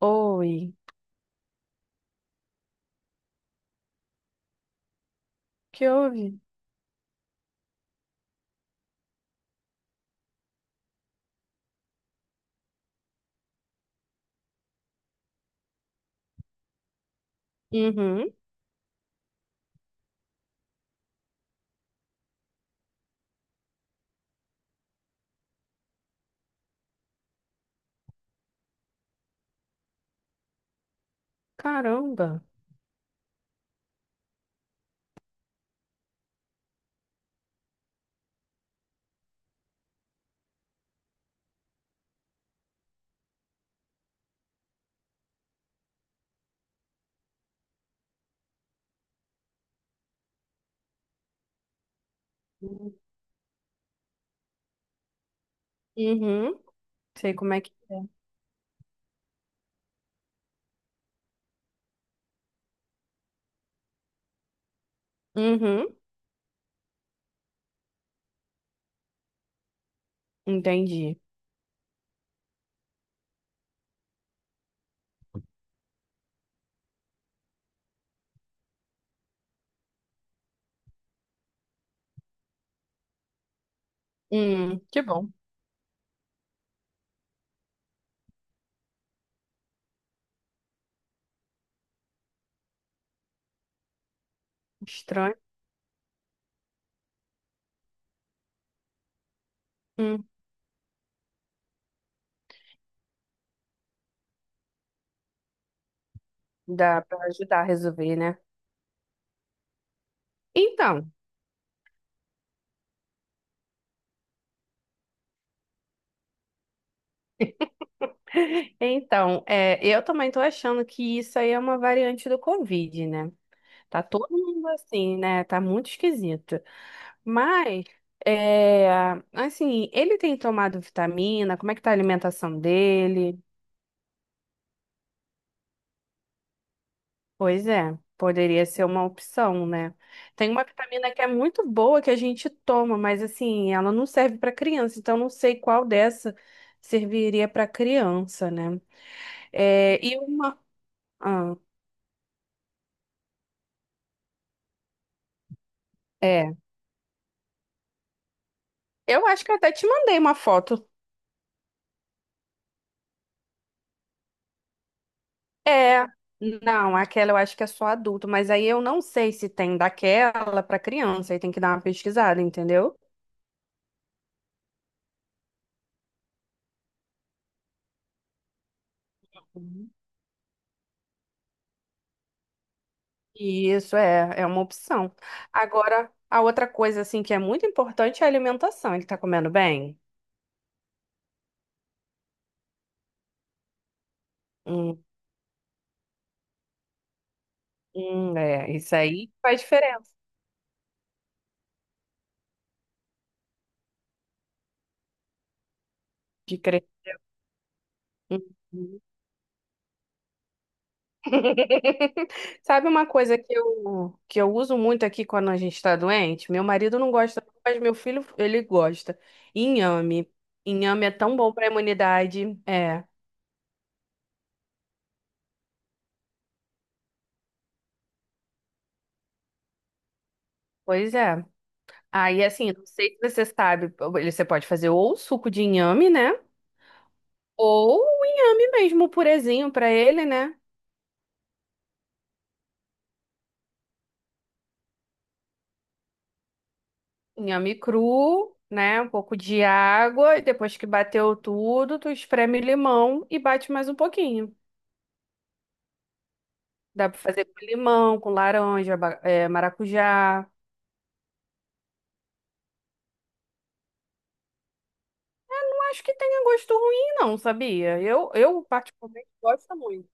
Oi, que houve? Uhum. Caramba. Uhum. Sei como é que é. Uhum. Entendi. Que bom. Estranho. Hum. Dá pra ajudar a resolver, né? Então, então, eu também tô achando que isso aí é uma variante do Covid, né? Tá todo mundo assim, né? Tá muito esquisito. Mas, é, assim, ele tem tomado vitamina? Como é que tá a alimentação dele? Pois é, poderia ser uma opção, né? Tem uma vitamina que é muito boa que a gente toma, mas assim, ela não serve para criança, então não sei qual dessa serviria para criança, né? É, e uma. Ah, é. Eu acho que eu até te mandei uma foto. É. Não, aquela eu acho que é só adulto, mas aí eu não sei se tem daquela para criança, aí tem que dar uma pesquisada, entendeu? Isso é, é uma opção. Agora, a outra coisa assim que é muito importante é a alimentação. Ele tá comendo bem? Hum, é, isso aí faz diferença de crer. Uhum. Sabe uma coisa que eu uso muito aqui quando a gente está doente? Meu marido não gosta, mas meu filho, ele gosta. Inhame. Inhame é tão bom para a imunidade. É, pois é. Aí, assim, não sei se você sabe, ele- você pode fazer ou suco de inhame, né? Ou o inhame mesmo, um purezinho pra ele, né? Inhame cru, né? Um pouco de água, e depois que bateu tudo, tu espreme limão e bate mais um pouquinho. Dá pra fazer com limão, com laranja, ba- é, maracujá. Não acho que tenha gosto ruim, não, sabia? Eu particularmente gosto muito.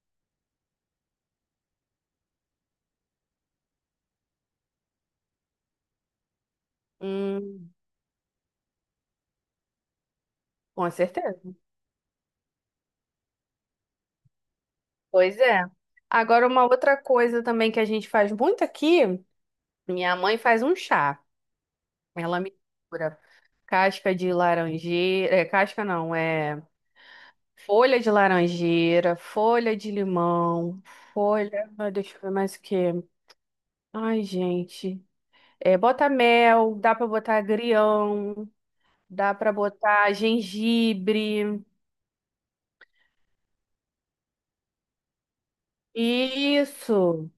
Hum, com certeza. Pois é. Agora, uma outra coisa também que a gente faz muito aqui, minha mãe faz um chá. Ela mistura casca de laranjeira, é, casca não, é folha de laranjeira, folha de limão, folha, ah, deixa eu ver mais o que. Ai, gente. É, bota mel, dá pra botar agrião, dá pra botar gengibre. Isso.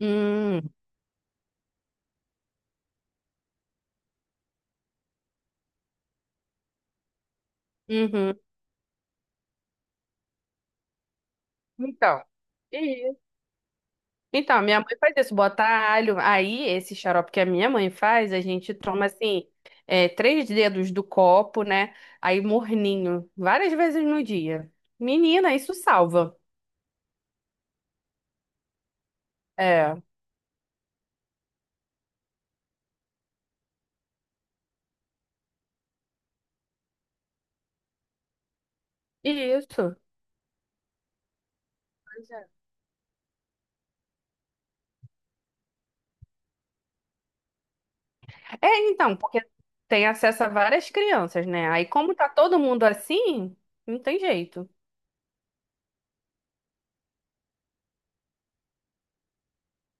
Hum, uhum. Então, então, minha mãe faz isso, bota alho. Aí, esse xarope que a minha mãe faz, a gente toma assim, é, três dedos do copo, né? Aí, morninho, várias vezes no dia. Menina, isso salva. É, isso. Pois é. É, então, porque tem acesso a várias crianças, né? Aí, como tá todo mundo assim, não tem jeito.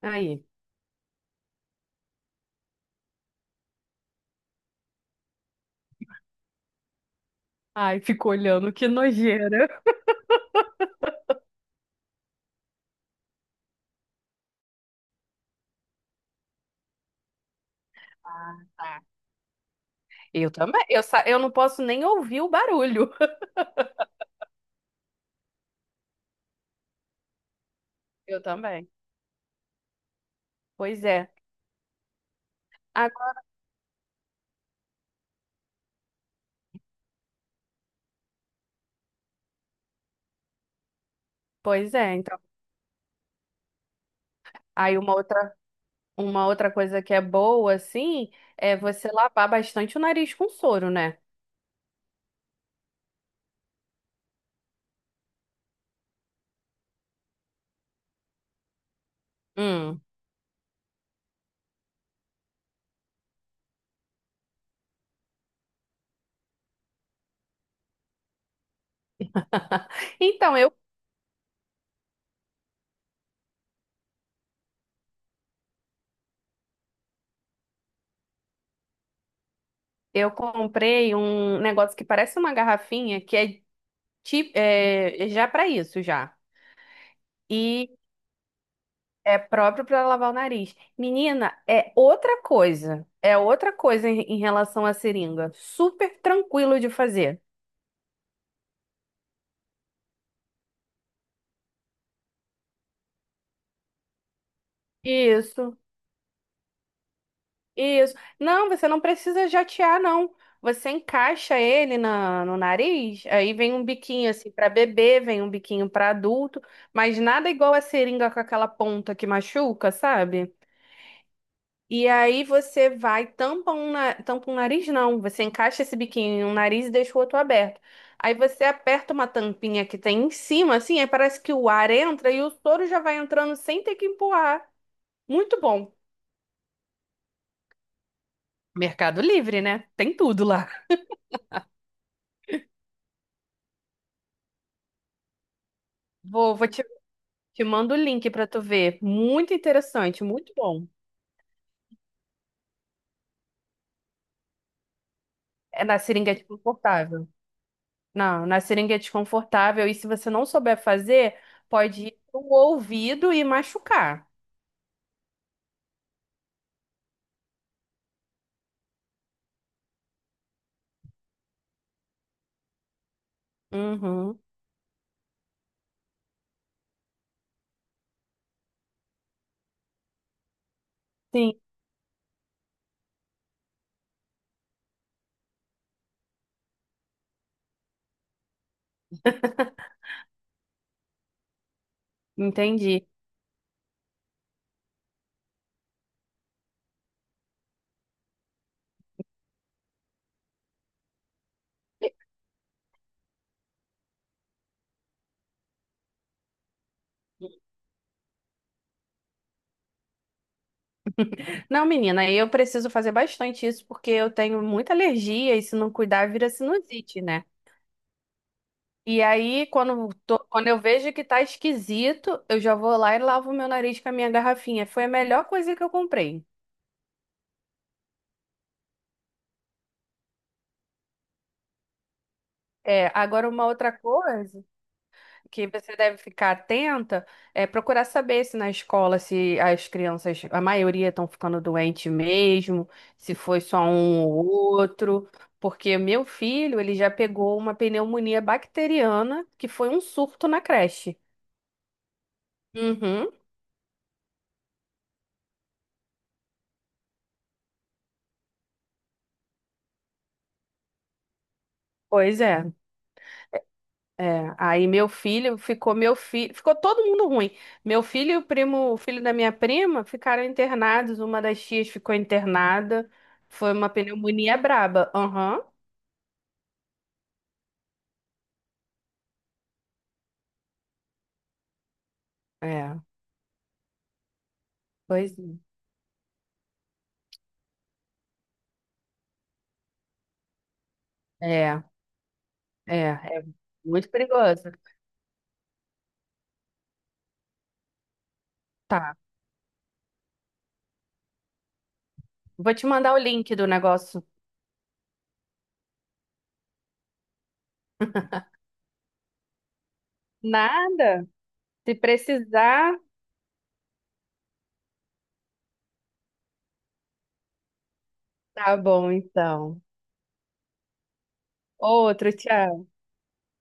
Aí. Ai, fico olhando, que nojeira. Ah, tá. Eu também. Sa- eu não posso nem ouvir o barulho. Eu também. Pois é. Pois é, então. Aí uma outra coisa que é boa, assim, é você lavar bastante o nariz com soro, né? Hum. Então, eu comprei um negócio que parece uma garrafinha, que é, ti- é já para isso, já. E é próprio para lavar o nariz. Menina, é outra coisa. É outra coisa em relação à seringa. Super tranquilo de fazer. Isso. Isso. Não, você não precisa jatear, não. Você encaixa ele no nariz, aí vem um biquinho assim para bebê, vem um biquinho para adulto, mas nada igual a seringa com aquela ponta que machuca, sabe? E aí você vai, na- tampa um nariz, não. Você encaixa esse biquinho em um nariz e deixa o outro aberto. Aí você aperta uma tampinha que tem em cima, assim, aí parece que o ar entra e o soro já vai entrando sem ter que empurrar. Muito bom. Mercado Livre, né? Tem tudo lá. Vou te mando o link pra tu ver. Muito interessante, muito bom. É na seringuete confortável. Não, na seringuete confortável. E se você não souber fazer, pode ir pro ouvido e machucar. Uhum. Sim, entendi. Não, menina, eu preciso fazer bastante isso porque eu tenho muita alergia e se não cuidar vira sinusite, né? E aí, quando eu vejo que tá esquisito, eu já vou lá e lavo meu nariz com a minha garrafinha. Foi a melhor coisa que eu comprei. É, agora uma outra coisa que você deve ficar atenta é procurar saber se na escola se as crianças, a maioria estão ficando doente mesmo, se foi só um ou outro, porque meu filho, ele já pegou uma pneumonia bacteriana que foi um surto na creche. Uhum. Pois é, é. Aí meu filho, ficou todo mundo ruim. Meu filho e o primo, o filho da minha prima ficaram internados, uma das tias ficou internada. Foi uma pneumonia braba. Aham. Pois é, é muito perigoso. Tá, vou te mandar o link do negócio. Nada? Se precisar, tá bom então. Outro, tchau.